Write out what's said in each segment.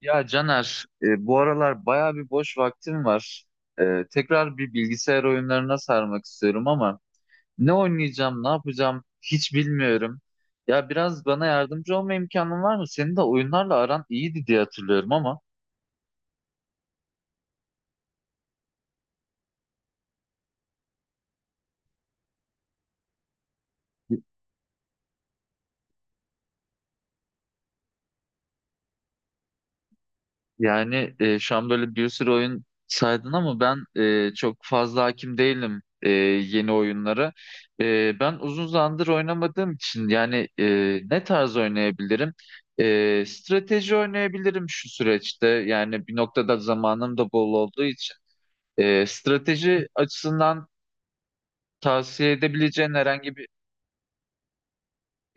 Ya Caner, bu aralar bayağı bir boş vaktim var. Tekrar bir bilgisayar oyunlarına sarmak istiyorum ama ne oynayacağım, ne yapacağım hiç bilmiyorum. Ya biraz bana yardımcı olma imkanın var mı? Senin de oyunlarla aran iyiydi diye hatırlıyorum ama. Yani şu an böyle bir sürü oyun saydın ama ben çok fazla hakim değilim yeni oyunlara. Ben uzun zamandır oynamadığım için yani ne tarz oynayabilirim? Strateji oynayabilirim şu süreçte. Yani bir noktada zamanım da bol olduğu için. Strateji açısından tavsiye edebileceğin herhangi bir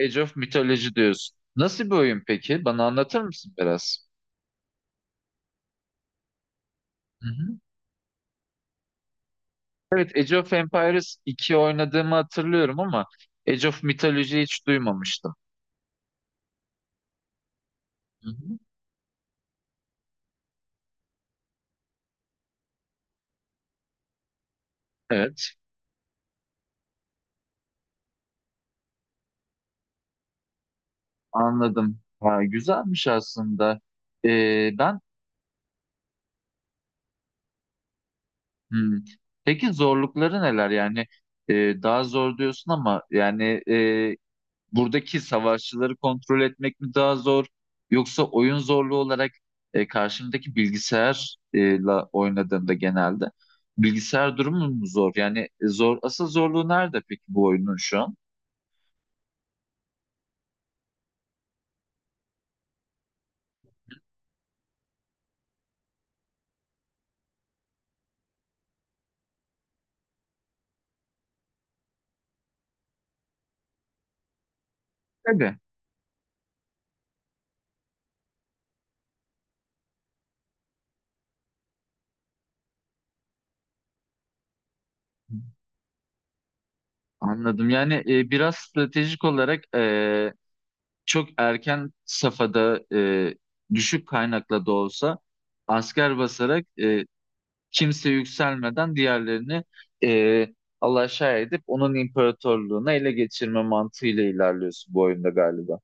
Age of Mythology diyorsun. Nasıl bir oyun peki? Bana anlatır mısın biraz? Evet, Age of Empires 2 oynadığımı hatırlıyorum ama Age of Mythology hiç duymamıştım. Hı hı. Evet, anladım. Ha, güzelmiş aslında. Ben hmm, peki zorlukları neler yani e, daha zor diyorsun ama yani buradaki savaşçıları kontrol etmek mi daha zor yoksa oyun zorluğu olarak karşımdaki bilgisayarla oynadığımda genelde bilgisayar durumu mu zor? Yani zor asıl zorluğu nerede peki bu oyunun şu an? Tabii. Anladım. Yani biraz stratejik olarak çok erken safhada düşük kaynakla da olsa asker basarak kimse yükselmeden diğerlerini e, alaşağı edip onun imparatorluğuna ele geçirme mantığıyla ilerliyorsun bu oyunda galiba.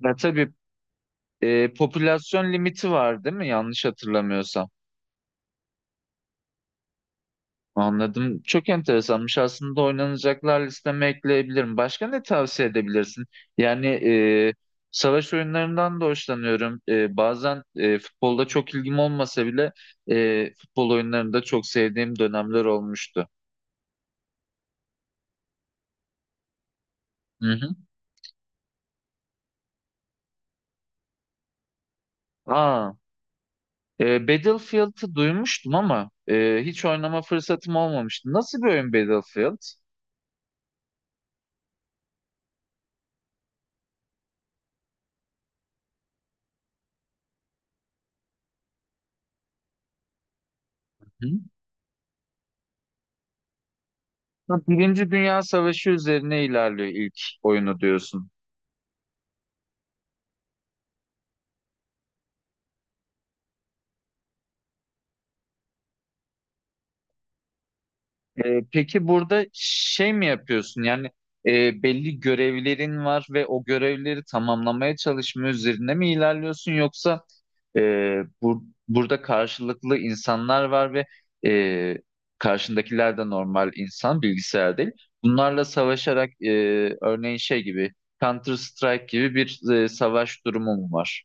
Ya tabii, popülasyon limiti var değil mi? Yanlış hatırlamıyorsam. Anladım. Çok enteresanmış. Aslında oynanacaklar listeme ekleyebilirim. Başka ne tavsiye edebilirsin? Yani savaş oyunlarından da hoşlanıyorum. Bazen futbolda çok ilgim olmasa bile futbol oyunlarında çok sevdiğim dönemler olmuştu. Hı hı. Aa, Battlefield'ı duymuştum ama hiç oynama fırsatım olmamıştı. Nasıl bir oyun Battlefield? Hı? Ha, Birinci Dünya Savaşı üzerine ilerliyor ilk oyunu diyorsun. Peki burada şey mi yapıyorsun? Yani belli görevlerin var ve o görevleri tamamlamaya çalışma üzerine mi ilerliyorsun yoksa bu, burada karşılıklı insanlar var ve e, karşındakiler de normal insan, bilgisayar değil. Bunlarla savaşarak örneğin şey gibi Counter Strike gibi bir savaş durumu mu var?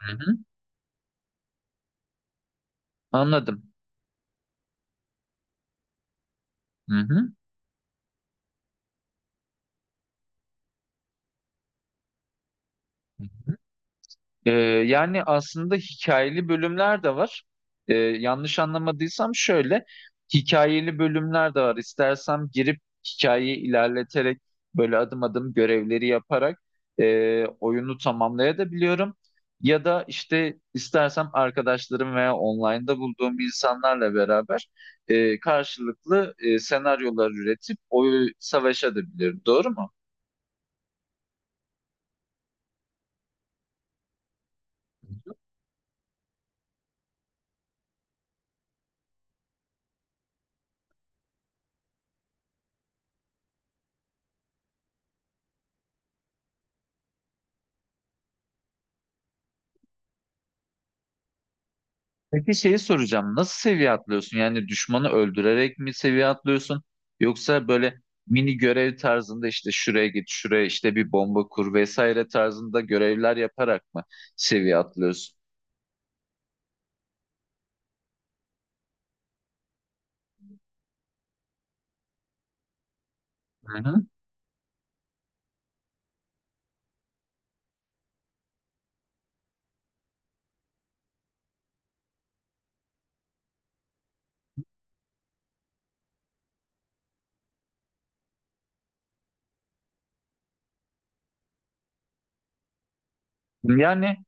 Hı hı. Anladım. Hı hı. Ee, yani aslında hikayeli bölümler de var. Yanlış anlamadıysam şöyle, hikayeli bölümler de var. İstersem girip hikayeyi ilerleterek böyle adım adım görevleri yaparak oyunu tamamlayabiliyorum. Ya da işte istersem arkadaşlarım veya online'da bulduğum insanlarla beraber karşılıklı senaryolar üretip oyu savaşabilirim. Doğru mu? Peki şeyi soracağım. Nasıl seviye atlıyorsun? Yani düşmanı öldürerek mi seviye atlıyorsun? Yoksa böyle mini görev tarzında işte şuraya git, şuraya işte bir bomba kur vesaire tarzında görevler yaparak mı seviye atlıyorsun? Hı hı. Yani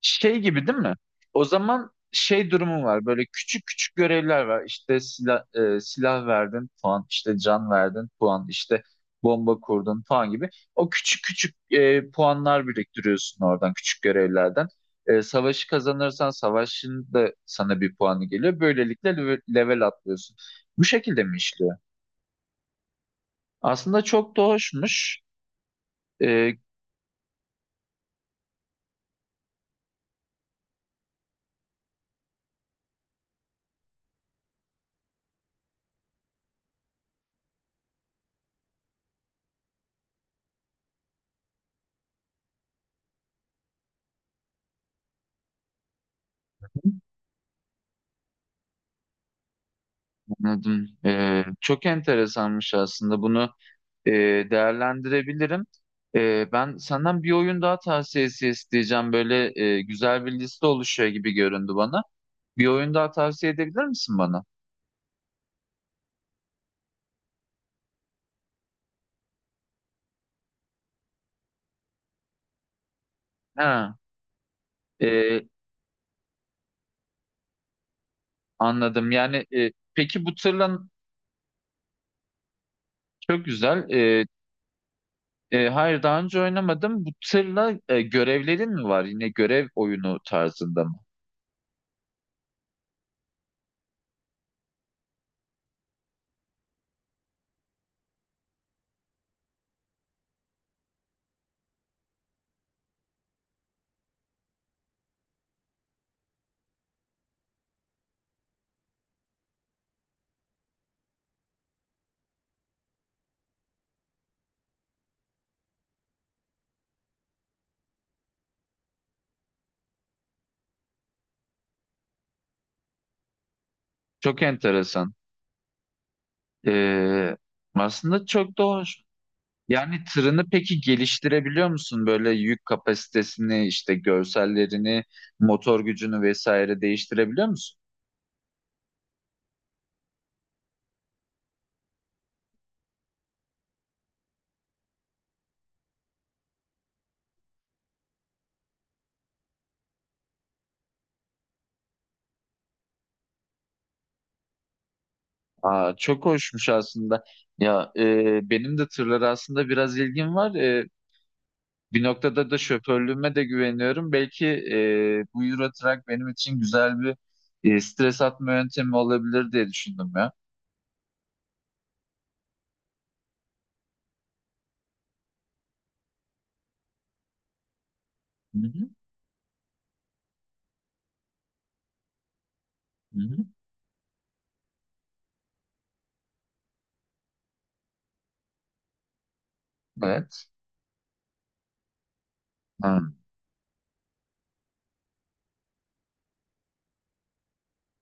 şey gibi değil mi? O zaman şey durumu var. Böyle küçük küçük görevler var. İşte silah, silah verdin puan, işte can verdin puan, işte bomba kurdun puan gibi. O küçük küçük puanlar biriktiriyorsun oradan küçük görevlerden. Savaşı kazanırsan savaşın da sana bir puanı geliyor. Böylelikle level atlıyorsun. Bu şekilde mi işliyor? Aslında çok da hoşmuş. E, anladım. Çok enteresanmış aslında bunu. e, Değerlendirebilirim. Ben senden bir oyun daha tavsiyesi isteyeceğim. Böyle güzel bir liste oluşuyor gibi göründü bana. Bir oyun daha tavsiye edebilir misin bana? Ha, e, anladım. Yani peki bu tırla çok güzel. Hayır, daha önce oynamadım. Bu tırla görevlerin mi var? Yine görev oyunu tarzında mı? Çok enteresan. E, aslında çok da hoş. Yani tırını peki geliştirebiliyor musun? Böyle yük kapasitesini, işte görsellerini, motor gücünü vesaire değiştirebiliyor musun? Aa, çok hoşmuş aslında. Ya benim de tırlara aslında biraz ilgim var. Bir noktada da şoförlüğüme de güveniyorum. Belki bu Euro Truck benim için güzel bir stres atma yöntemi olabilir diye düşündüm ya. Hı hı, hı hı. Evet. Hı.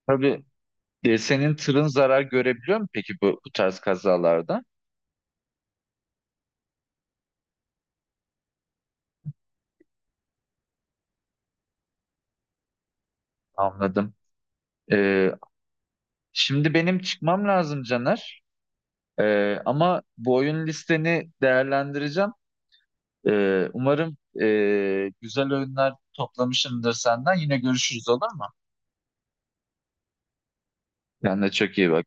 Tabii, senin tırın zarar görebiliyor mu peki bu, bu tarz kazalarda? Anladım. Ee, şimdi benim çıkmam lazım Caner. Ama bu oyun listeni değerlendireceğim. Umarım güzel oyunlar toplamışımdır senden. Yine görüşürüz olur mu? Kendine çok iyi bak.